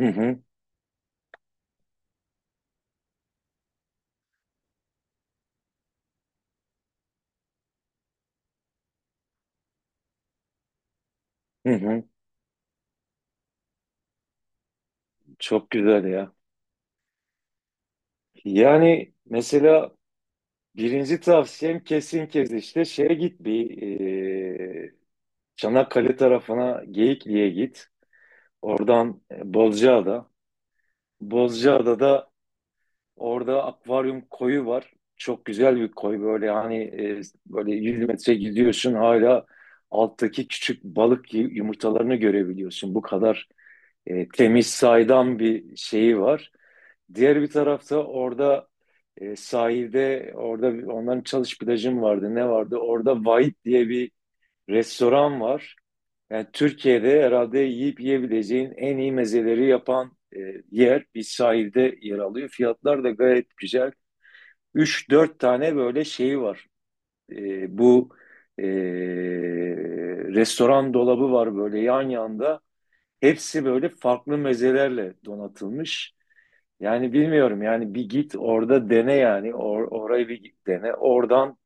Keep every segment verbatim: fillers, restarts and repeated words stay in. Hı hı, hı hı. Çok güzel ya. Yani mesela birinci tavsiyem kesin kez işte şeye git bir e, Çanakkale tarafına Geyikli'ye git. Oradan e, Bozcaada. Bozcaada'da orada akvaryum koyu var. Çok güzel bir koy böyle hani e, böyle yüz metre gidiyorsun hala alttaki küçük balık yu- yumurtalarını görebiliyorsun. Bu kadar e, temiz saydam bir şeyi var. Diğer bir tarafta orada e, sahilde orada bir- onların çalış plajı mı vardı ne vardı? Orada Vahit diye bir restoran var. Yani Türkiye'de herhalde yiyip yiyebileceğin en iyi mezeleri yapan e, yer bir sahilde yer alıyor. Fiyatlar da gayet güzel. Üç dört tane böyle şeyi var. E, bu e, restoran dolabı var böyle yan yanda. Hepsi böyle farklı mezelerle donatılmış. Yani bilmiyorum yani bir git orada dene yani Or orayı bir git dene. Oradan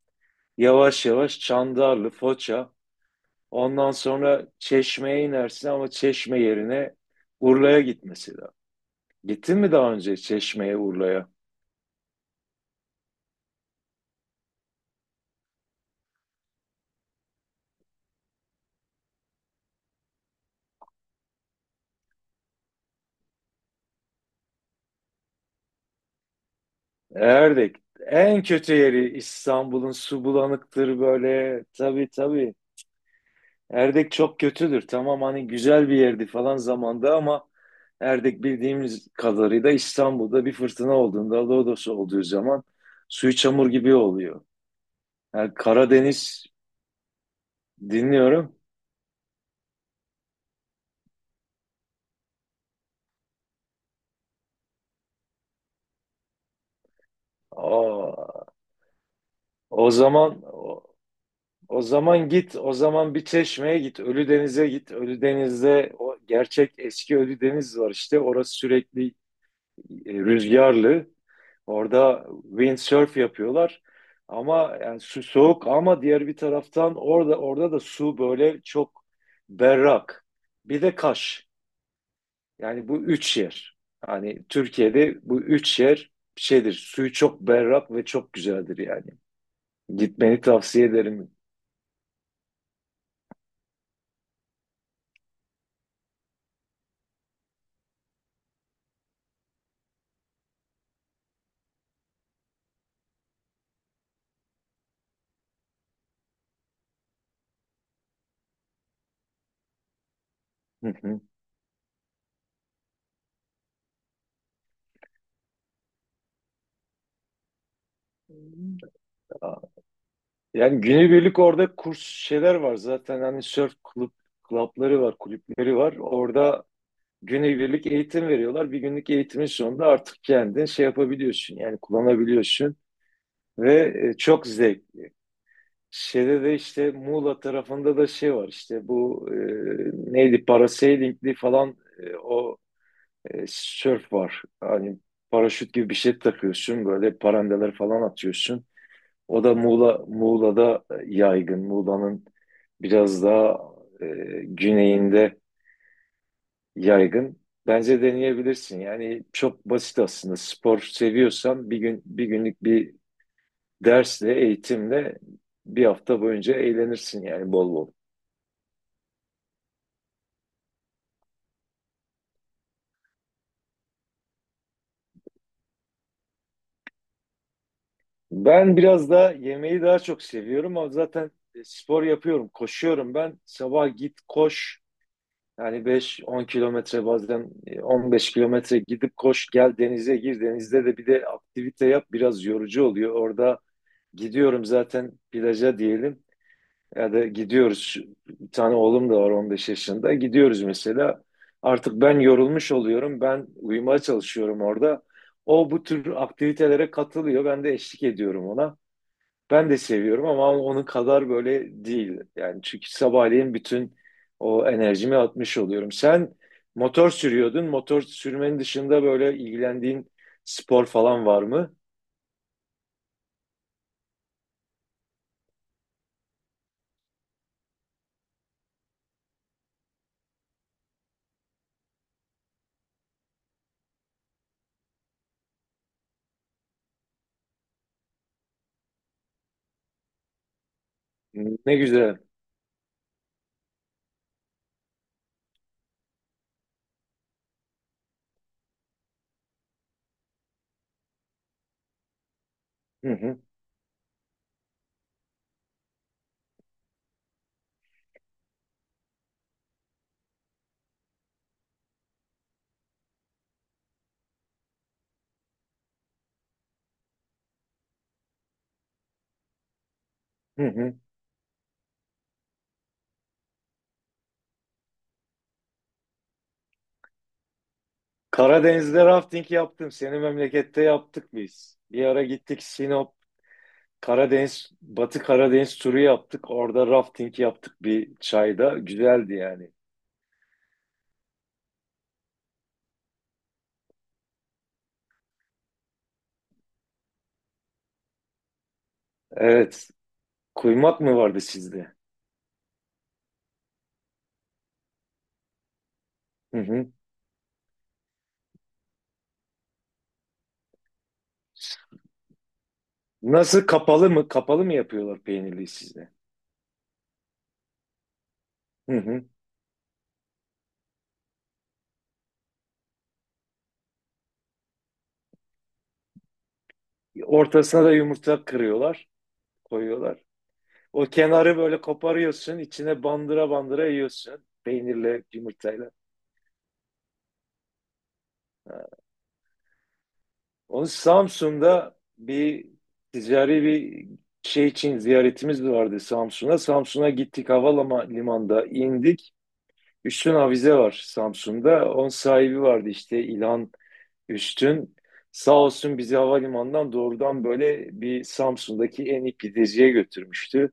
yavaş yavaş Çandarlı, Foça ondan sonra Çeşme'ye inersin ama Çeşme yerine Urla'ya git mesela. Gittin mi daha önce Çeşme'ye, Urla'ya? Erdek. En kötü yeri İstanbul'un su bulanıktır böyle. Tabii tabii. Erdek çok kötüdür. Tamam hani güzel bir yerdi falan zamanda ama Erdek bildiğimiz kadarıyla İstanbul'da bir fırtına olduğunda, lodos olduğu zaman suyu çamur gibi oluyor. Yani Karadeniz dinliyorum. O, o zaman o, o zaman git, o zaman bir Çeşme'ye git, Ölüdeniz'e git. Ölüdeniz'de o gerçek eski Ölüdeniz var işte. Orası sürekli e, rüzgarlı. Orada windsurf yapıyorlar. Ama yani su soğuk ama diğer bir taraftan orada orada da su böyle çok berrak. Bir de Kaş. Yani bu üç yer. Yani Türkiye'de bu üç yer şeydir. Suyu çok berrak ve çok güzeldir yani. Gitmeni tavsiye ederim. Hı hı. Yani günübirlik orada kurs şeyler var zaten. Hani surf kulüp, klapları var, kulüpleri var. Orada günübirlik eğitim veriyorlar. Bir günlük eğitimin sonunda artık kendin şey yapabiliyorsun yani kullanabiliyorsun ve e, çok zevk. Şeyde de işte Muğla tarafında da şey var işte bu e, neydi parasailingli falan e, o e, sörf var. Hani paraşüt gibi bir şey takıyorsun böyle parandeler falan atıyorsun. O da Muğla Muğla'da yaygın. Muğla'nın biraz daha e, güneyinde yaygın. Bence deneyebilirsin. Yani çok basit aslında. Spor seviyorsan bir gün bir günlük bir dersle, eğitimle bir hafta boyunca eğlenirsin yani bol bol. Ben biraz daha yemeği daha çok seviyorum ama zaten e, spor yapıyorum, koşuyorum ben. Sabah git koş. Yani beş on kilometre bazen on beş kilometre gidip koş gel denize gir. Denizde de bir de aktivite yap biraz yorucu oluyor. Orada gidiyorum zaten plaja diyelim. Ya da gidiyoruz. Bir tane oğlum da var on beş yaşında. Gidiyoruz mesela. Artık ben yorulmuş oluyorum. Ben uyumaya çalışıyorum orada. O bu tür aktivitelere katılıyor. Ben de eşlik ediyorum ona. Ben de seviyorum ama onun kadar böyle değil. Yani çünkü sabahleyin bütün o enerjimi atmış oluyorum. Sen motor sürüyordun. Motor sürmenin dışında böyle ilgilendiğin spor falan var mı? Ne güzel. Hı hı. Hı hı. Karadeniz'de rafting yaptım. Senin memlekette yaptık biz. Bir ara gittik Sinop, Karadeniz, Batı Karadeniz turu yaptık. Orada rafting yaptık bir çayda. Güzeldi yani. Evet. Kuymak mı vardı sizde? Hı hı. Nasıl kapalı mı? Kapalı mı yapıyorlar peynirliği sizde? Hı hı. Ortasına da yumurta kırıyorlar, koyuyorlar. O kenarı böyle koparıyorsun, içine bandıra bandıra yiyorsun. Peynirle, yumurtayla. Onun Samsun'da bir ticari bir şey için ziyaretimiz vardı Samsun'a. Samsun'a gittik havalimanında indik. Üstün Avize var Samsun'da. Onun sahibi vardı işte İlhan Üstün. Sağ olsun bizi havalimanından doğrudan böyle bir Samsun'daki en iyi pideciye götürmüştü.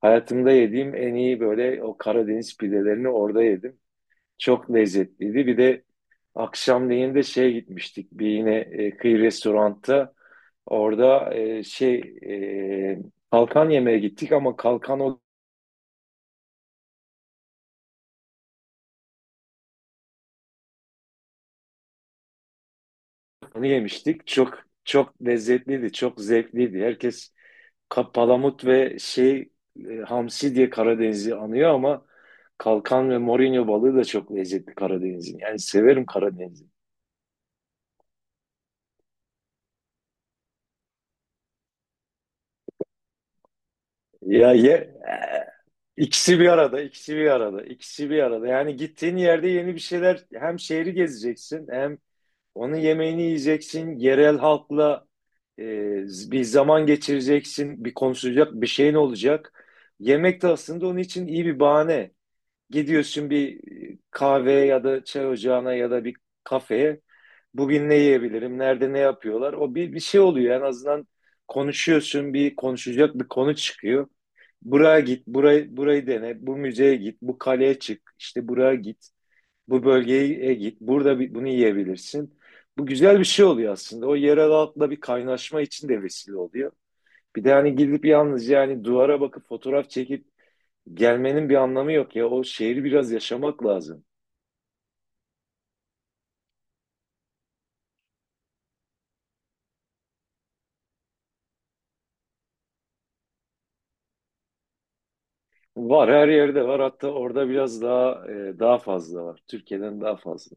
Hayatımda yediğim en iyi böyle o Karadeniz pidelerini orada yedim. Çok lezzetliydi. Bir de akşamleyin de şeye gitmiştik. Bir yine e, kıyı restoranta. Orada e, şey e, kalkan yemeye gittik ama kalkan olanı yemiştik. Çok çok lezzetliydi, çok zevkliydi. Herkes ka- palamut ve şey e, hamsi diye Karadeniz'i anıyor ama kalkan ve morinyo balığı da çok lezzetli Karadeniz'in. Yani severim Karadeniz'i. Ya ye İkisi bir arada, ikisi bir arada, ikisi bir arada. Yani gittiğin yerde yeni bir şeyler hem şehri gezeceksin hem onun yemeğini yiyeceksin. Yerel halkla e, bir zaman geçireceksin, bir konuşacak bir şeyin olacak. Yemek de aslında onun için iyi bir bahane. Gidiyorsun bir kahve ya da çay ocağına ya da bir kafeye. Bugün ne yiyebilirim? Nerede ne yapıyorlar? O bir, bir şey oluyor. En azından konuşuyorsun. Bir konuşacak bir konu çıkıyor. Buraya git, burayı, burayı dene, bu müzeye git, bu kaleye çık, işte buraya git, bu bölgeye git, burada bir, bunu yiyebilirsin. Bu güzel bir şey oluyor aslında. O yerel halkla bir kaynaşma için de vesile oluyor. Bir de hani gidip yalnız yani duvara bakıp fotoğraf çekip gelmenin bir anlamı yok ya. O şehri biraz yaşamak lazım. Var her yerde var. Hatta orada biraz daha e, daha fazla var. Türkiye'den daha fazla.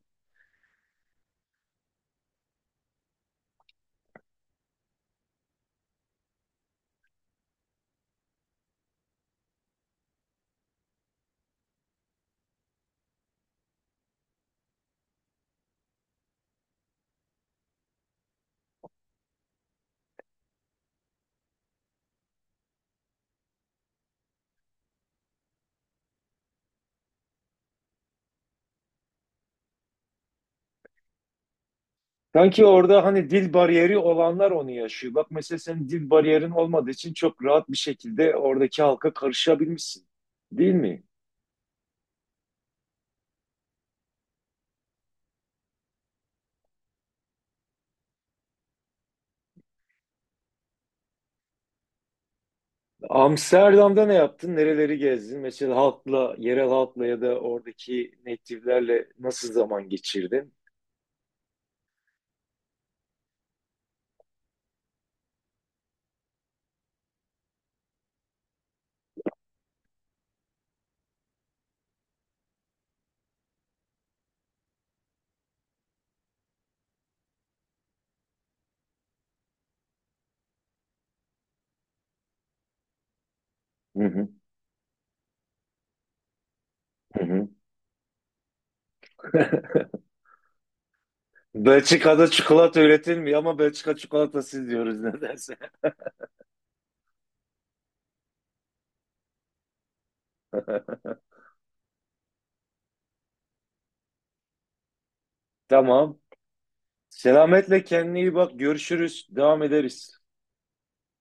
Sanki orada hani dil bariyeri olanlar onu yaşıyor. Bak mesela senin dil bariyerin olmadığı için çok rahat bir şekilde oradaki halka karışabilmişsin. Değil mi? Amsterdam'da ne yaptın? Nereleri gezdin? Mesela halkla, yerel halkla ya da oradaki native'lerle nasıl zaman geçirdin? Hı hı. Hı hı. Belçika'da çikolata üretilmiyor ama Belçika çikolatası diyoruz nedense. Tamam. Selametle kendine iyi bak. Görüşürüz. Devam ederiz.